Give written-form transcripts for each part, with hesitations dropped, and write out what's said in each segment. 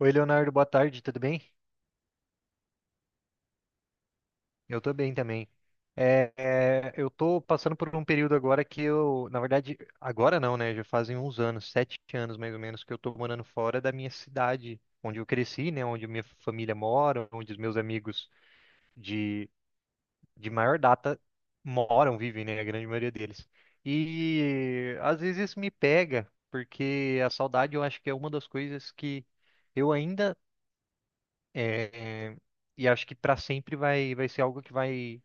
Oi, Leonardo, boa tarde, tudo bem? Eu tô bem também. Eu tô passando por um período agora que eu, na verdade, agora não, né? Já fazem uns anos, sete anos mais ou menos, que eu tô morando fora da minha cidade, onde eu cresci, né? Onde minha família mora, onde os meus amigos de, de maior data moram, vivem, né? A grande maioria deles. E às vezes isso me pega, porque a saudade eu acho que é uma das coisas que eu ainda. É, e acho que para sempre vai ser algo que vai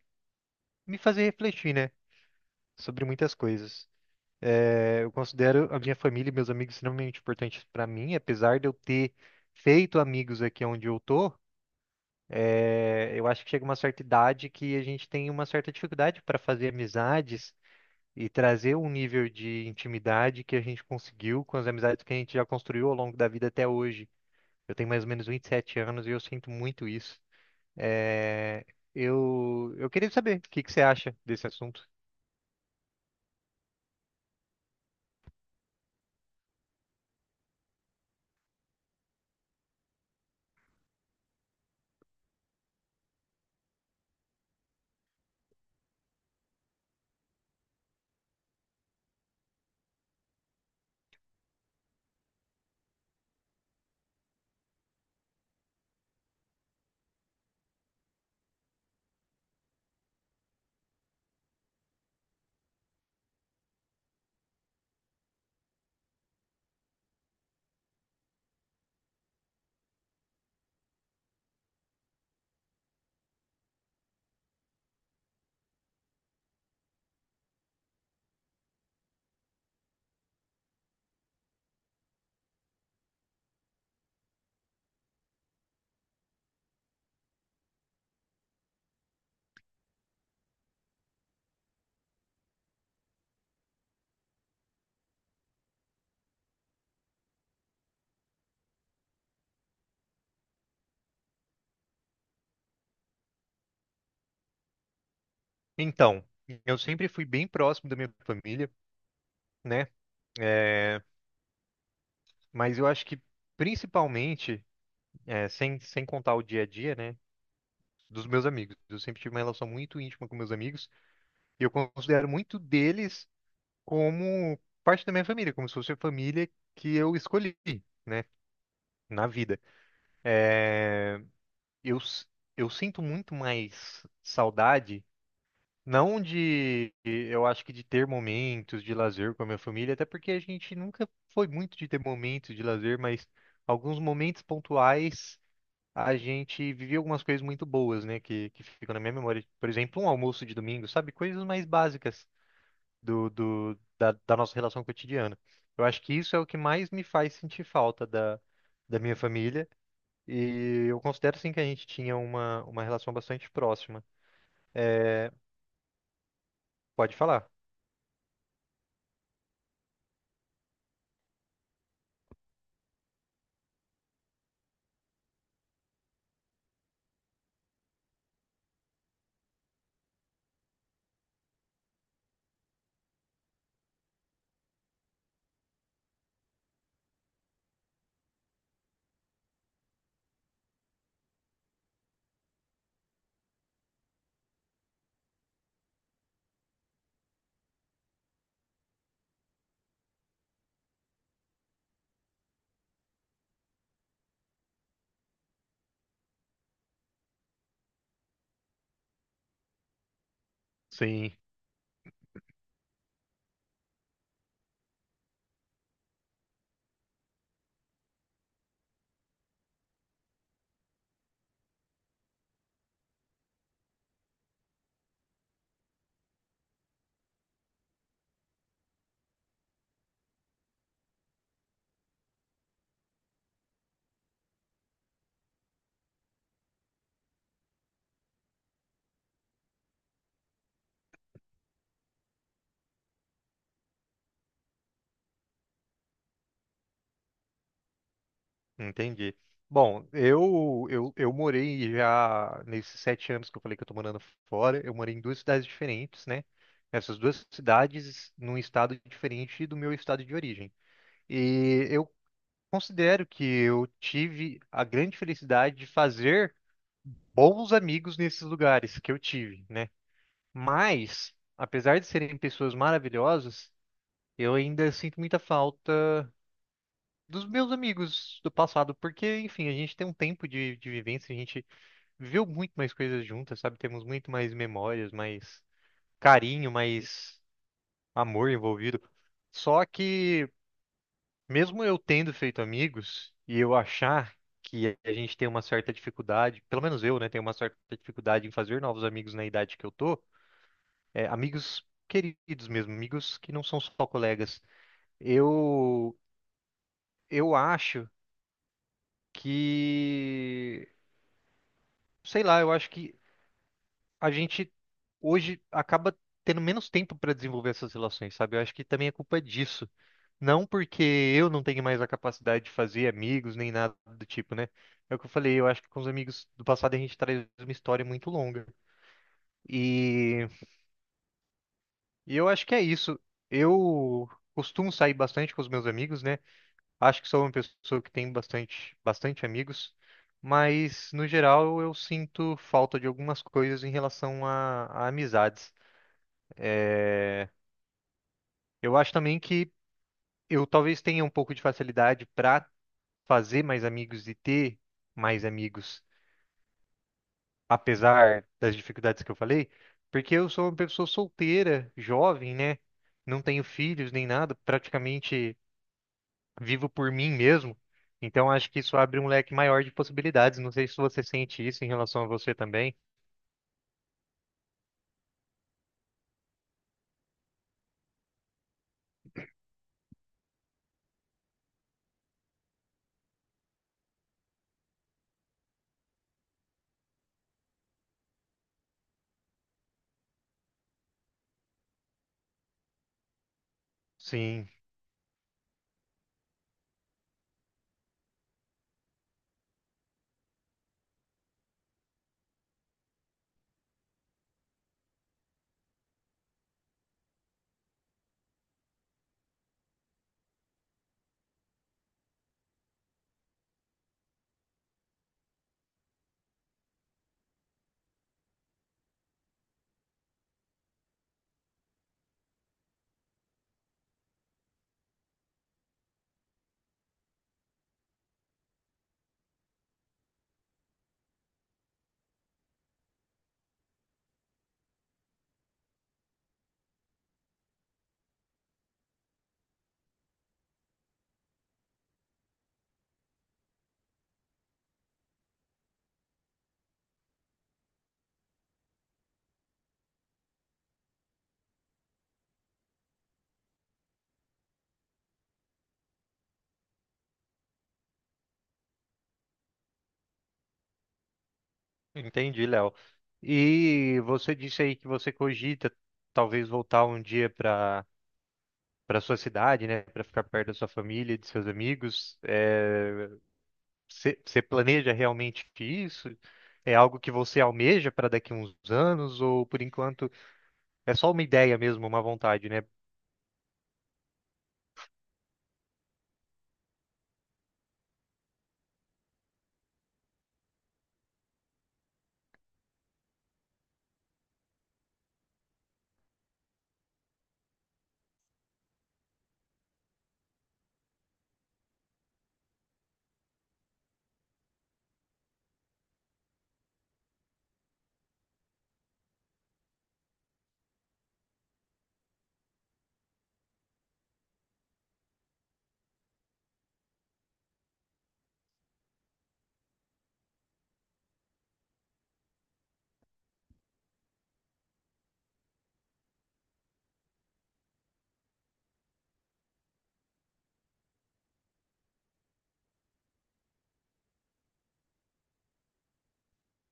me fazer refletir, né? Sobre muitas coisas. Eu considero a minha família e meus amigos extremamente importantes para mim, apesar de eu ter feito amigos aqui onde eu tô. Eu acho que chega uma certa idade que a gente tem uma certa dificuldade para fazer amizades e trazer um nível de intimidade que a gente conseguiu com as amizades que a gente já construiu ao longo da vida até hoje. Eu tenho mais ou menos 27 anos e eu sinto muito isso. É, eu queria saber o que que você acha desse assunto. Então, eu sempre fui bem próximo da minha família, né? É, mas eu acho que principalmente, sem contar o dia a dia, né? Dos meus amigos. Eu sempre tive uma relação muito íntima com meus amigos e eu considero muito deles como parte da minha família, como se fosse a família que eu escolhi, né? Na vida. Eu, s- eu sinto muito mais saudade. Não de, eu acho que de ter momentos de lazer com a minha família, até porque a gente nunca foi muito de ter momentos de lazer, mas alguns momentos pontuais a gente vivia algumas coisas muito boas, né, que ficam na minha memória. Por exemplo, um almoço de domingo, sabe? Coisas mais básicas da nossa relação cotidiana. Eu acho que isso é o que mais me faz sentir falta da minha família. E eu considero, sim, que a gente tinha uma relação bastante próxima. É, pode falar. Sim. Entendi. Bom, eu morei já nesses sete anos que eu falei que eu tô morando fora, eu morei em duas cidades diferentes, né? Essas duas cidades num estado diferente do meu estado de origem. E eu considero que eu tive a grande felicidade de fazer bons amigos nesses lugares que eu tive, né? Mas, apesar de serem pessoas maravilhosas, eu ainda sinto muita falta dos meus amigos do passado, porque, enfim, a gente tem um tempo de vivência, a gente viveu muito mais coisas juntas, sabe? Temos muito mais memórias, mais carinho, mais amor envolvido. Só que, mesmo eu tendo feito amigos e eu achar que a gente tem uma certa dificuldade, pelo menos eu, né, tenho uma certa dificuldade em fazer novos amigos na idade que eu tô, é, amigos queridos mesmo, amigos que não são só colegas. Eu, eu acho que sei lá, eu acho que a gente hoje acaba tendo menos tempo para desenvolver essas relações, sabe? Eu acho que também é culpa disso. Não porque eu não tenho mais a capacidade de fazer amigos nem nada do tipo, né? É o que eu falei, eu acho que com os amigos do passado a gente traz uma história muito longa. E e eu acho que é isso. Eu costumo sair bastante com os meus amigos, né? Acho que sou uma pessoa que tem bastante amigos, mas no geral eu sinto falta de algumas coisas em relação a amizades. Eu acho também que eu talvez tenha um pouco de facilidade para fazer mais amigos e ter mais amigos, apesar das dificuldades que eu falei, porque eu sou uma pessoa solteira, jovem, né? Não tenho filhos nem nada, praticamente. Vivo por mim mesmo. Então acho que isso abre um leque maior de possibilidades. Não sei se você sente isso em relação a você também. Sim, entendi, Léo. E você disse aí que você cogita talvez voltar um dia para sua cidade, né, para ficar perto da sua família, e de seus amigos. É, você planeja realmente isso? É algo que você almeja para daqui a uns anos ou por enquanto é só uma ideia mesmo, uma vontade, né?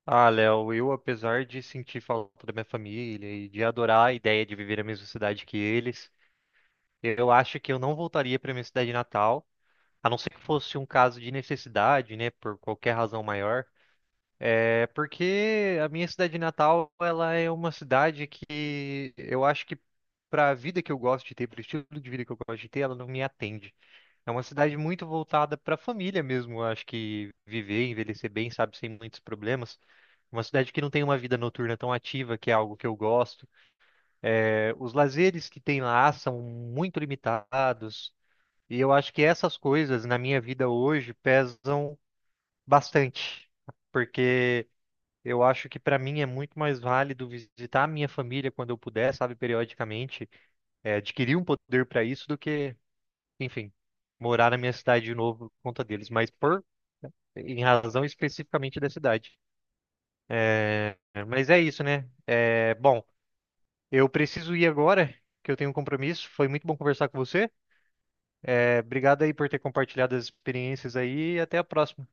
Ah, Léo, eu, apesar de sentir falta da minha família e de adorar a ideia de viver a mesma cidade que eles, eu acho que eu não voltaria para minha cidade natal, a não ser que fosse um caso de necessidade, né, por qualquer razão maior. É porque a minha cidade natal, ela é uma cidade que eu acho que para a vida que eu gosto de ter, para o estilo de vida que eu gosto de ter, ela não me atende. É uma cidade muito voltada para a família mesmo. Eu acho que viver, envelhecer bem, sabe, sem muitos problemas. Uma cidade que não tem uma vida noturna tão ativa, que é algo que eu gosto. É, os lazeres que tem lá são muito limitados. E eu acho que essas coisas na minha vida hoje pesam bastante. Porque eu acho que para mim é muito mais válido visitar a minha família quando eu puder, sabe, periodicamente, é, adquirir um poder para isso do que, enfim, morar na minha cidade de novo por conta deles. Mas por, em razão especificamente da cidade. É, mas é isso, né? É, bom. Eu preciso ir agora, que eu tenho um compromisso. Foi muito bom conversar com você. É, obrigado aí por ter compartilhado as experiências aí e até a próxima.